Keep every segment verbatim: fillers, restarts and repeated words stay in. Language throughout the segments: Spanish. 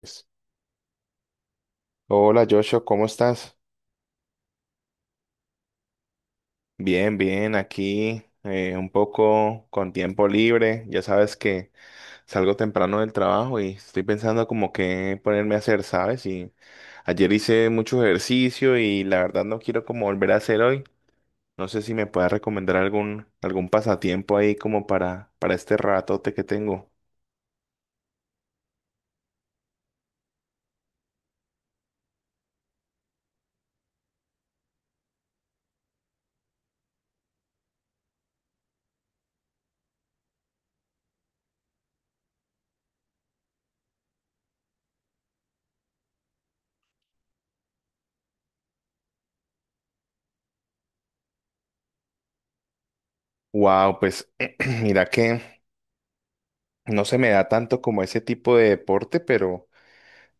Pues, hola Joshua, ¿cómo estás? Bien, bien, aquí eh, un poco con tiempo libre. Ya sabes que salgo temprano del trabajo y estoy pensando como qué ponerme a hacer, ¿sabes? Y ayer hice mucho ejercicio y la verdad no quiero como volver a hacer hoy. No sé si me puedas recomendar algún, algún pasatiempo ahí como para, para este ratote que tengo. Wow, pues mira que no se me da tanto como ese tipo de deporte, pero...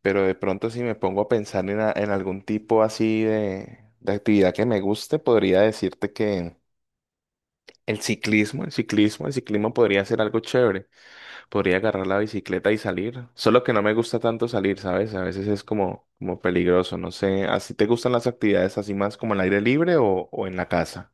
Pero de pronto si me pongo a pensar en, a- en algún tipo así de, de actividad que me guste, podría decirte que el ciclismo, el ciclismo, el ciclismo podría ser algo chévere. Podría agarrar la bicicleta y salir. Solo que no me gusta tanto salir, ¿sabes? A veces es como, como peligroso, no sé. ¿Así te gustan las actividades así más como al aire libre o, o en la casa?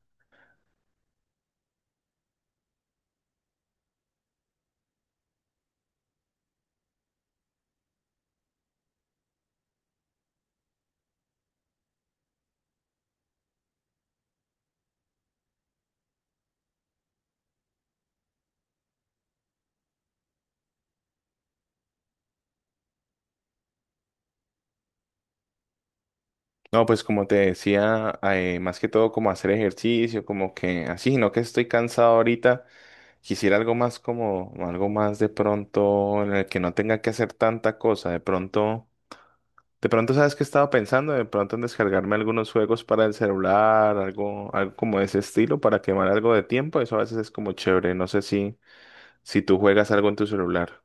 No, pues como te decía, eh, más que todo como hacer ejercicio, como que así, no que estoy cansado ahorita. Quisiera algo más como, algo más de pronto en el que no tenga que hacer tanta cosa. De pronto, de pronto, ¿sabes qué estaba pensando? De pronto en descargarme algunos juegos para el celular, algo, algo como de ese estilo para quemar algo de tiempo. Eso a veces es como chévere. No sé si, si tú juegas algo en tu celular.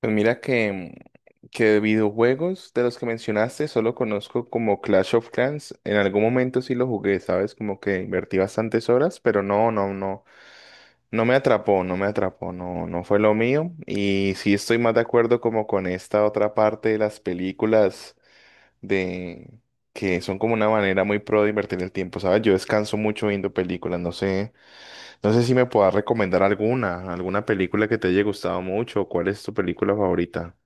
Pues mira que, que de videojuegos de los que mencionaste solo conozco como Clash of Clans. En algún momento sí lo jugué, ¿sabes? Como que invertí bastantes horas, pero no, no, no. No me atrapó, no me atrapó, no, no fue lo mío. Y sí estoy más de acuerdo como con esta otra parte de las películas de que son como una manera muy pro de invertir el tiempo, ¿sabes? Yo descanso mucho viendo películas, no sé, no sé si me puedas recomendar alguna, alguna película que te haya gustado mucho, o cuál es tu película favorita.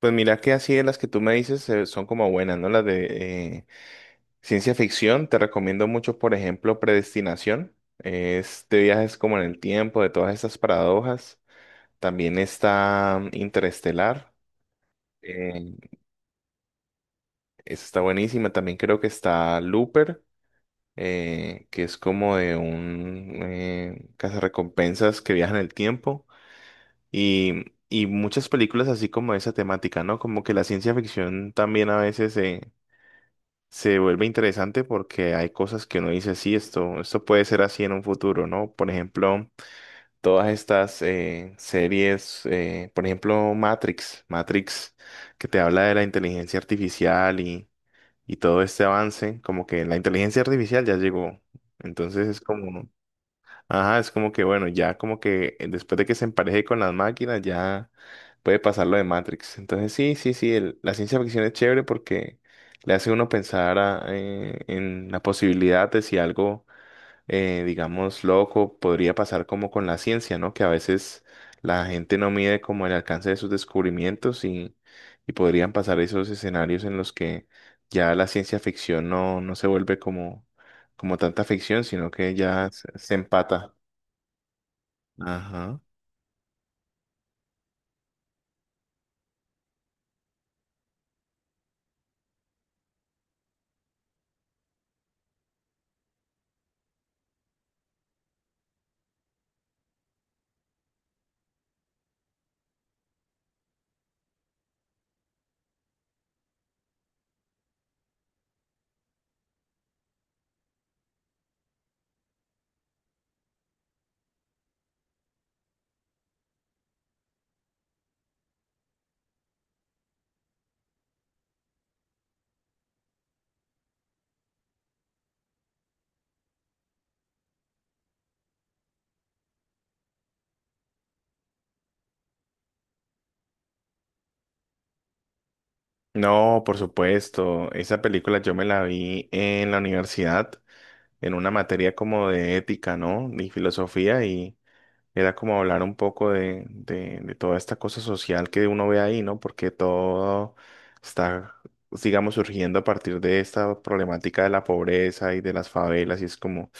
Pues mira que así de las que tú me dices eh, son como buenas, ¿no? Las de eh, ciencia ficción, te recomiendo mucho, por ejemplo, Predestinación. Este viaje es como en el tiempo, de todas esas paradojas. También está Interestelar. eh, Esa está buenísima. También creo que está Looper, eh, que es como de un eh, cazarrecompensas que viaja en el tiempo. Y, y muchas películas así como esa temática, ¿no? Como que la ciencia ficción también a veces eh, se vuelve interesante porque hay cosas que uno dice, sí, esto, esto puede ser así en un futuro, ¿no? Por ejemplo. Todas estas eh, series, eh, por ejemplo, Matrix, Matrix, que te habla de la inteligencia artificial y, y todo este avance, como que la inteligencia artificial ya llegó. Entonces es como, ajá, es como que bueno, ya como que eh, después de que se empareje con las máquinas, ya puede pasar lo de Matrix. Entonces sí, sí, sí, el- la ciencia ficción es chévere porque le hace uno pensar a- eh, en la posibilidad de si algo eh, digamos, loco, podría pasar como con la ciencia, ¿no? Que a veces la gente no mide como el alcance de sus descubrimientos y, y podrían pasar esos escenarios en los que ya la ciencia ficción no, no se vuelve como, como tanta ficción, sino que ya se, se empata. Ajá. No, por supuesto, esa película yo me la vi en la universidad, en una materia como de ética, ¿no? Y filosofía y... era como hablar un poco de, de, de toda esta cosa social que uno ve ahí, ¿no? Porque todo está, digamos, surgiendo a partir de esta problemática de la pobreza y de las favelas, y es como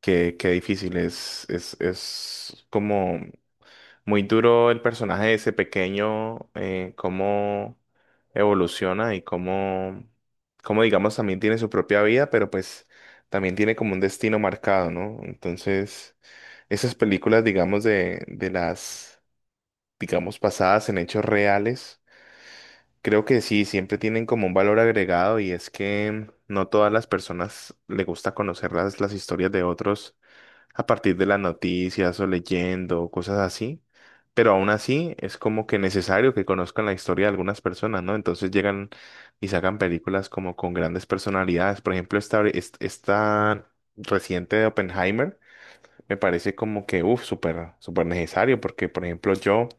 que, qué difícil, es, es, es como muy duro el personaje de ese pequeño, eh, cómo evoluciona y cómo, cómo, digamos, también tiene su propia vida, pero pues también tiene como un destino marcado, ¿no? Entonces, esas películas, digamos, de, de las, digamos, basadas en hechos reales, creo que sí, siempre tienen como un valor agregado y es que no todas las personas le gusta conocer las, las historias de otros a partir de las noticias o leyendo, o cosas así. Pero aún así es como que necesario que conozcan la historia de algunas personas, ¿no? Entonces llegan y sacan películas como con grandes personalidades. Por ejemplo, esta, est- esta reciente de Oppenheimer me parece como que, uff, súper, súper necesario porque, por ejemplo, yo,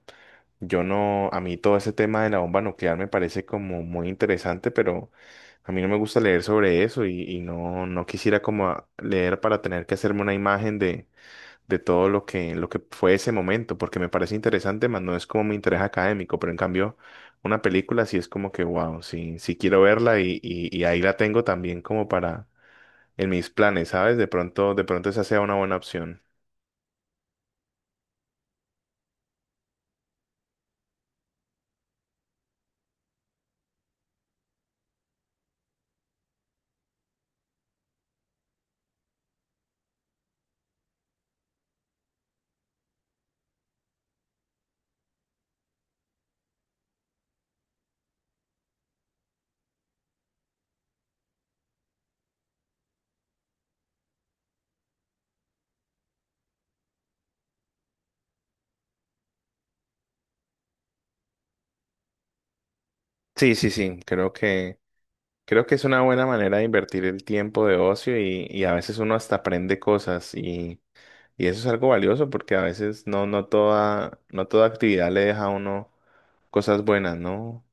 yo no, a mí todo ese tema de la bomba nuclear me parece como muy interesante, pero a mí no me gusta leer sobre eso y, y no, no quisiera como a- leer para tener que hacerme una imagen de de todo lo que, lo que fue ese momento, porque me parece interesante, más no es como mi interés académico, pero en cambio, una película sí es como que, wow, sí, sí quiero verla y, y, y ahí la tengo también como para, en mis planes, ¿sabes? De pronto, de pronto esa sea una buena opción. Sí, sí, sí, creo que, creo que es una buena manera de invertir el tiempo de ocio y, y a veces uno hasta aprende cosas y, y eso es algo valioso porque a veces no, no toda, no toda actividad le deja a uno cosas buenas, ¿no?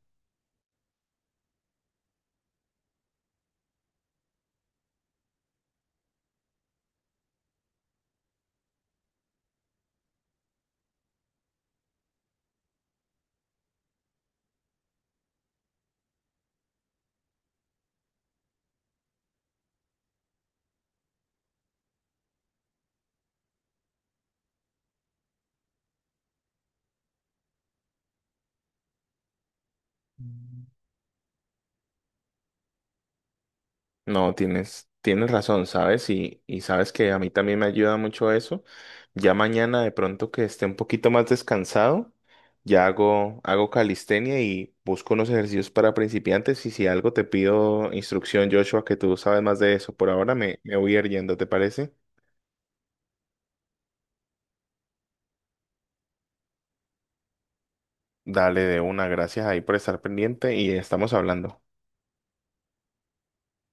No, tienes, tienes razón, ¿sabes? Y, y sabes que a mí también me ayuda mucho eso. Ya mañana de pronto que esté un poquito más descansado, ya hago, hago calistenia y busco unos ejercicios para principiantes y si algo te pido instrucción, Joshua, que tú sabes más de eso. Por ahora me, me voy a ir yendo, ¿te parece? Dale de una, gracias ahí por estar pendiente y estamos hablando.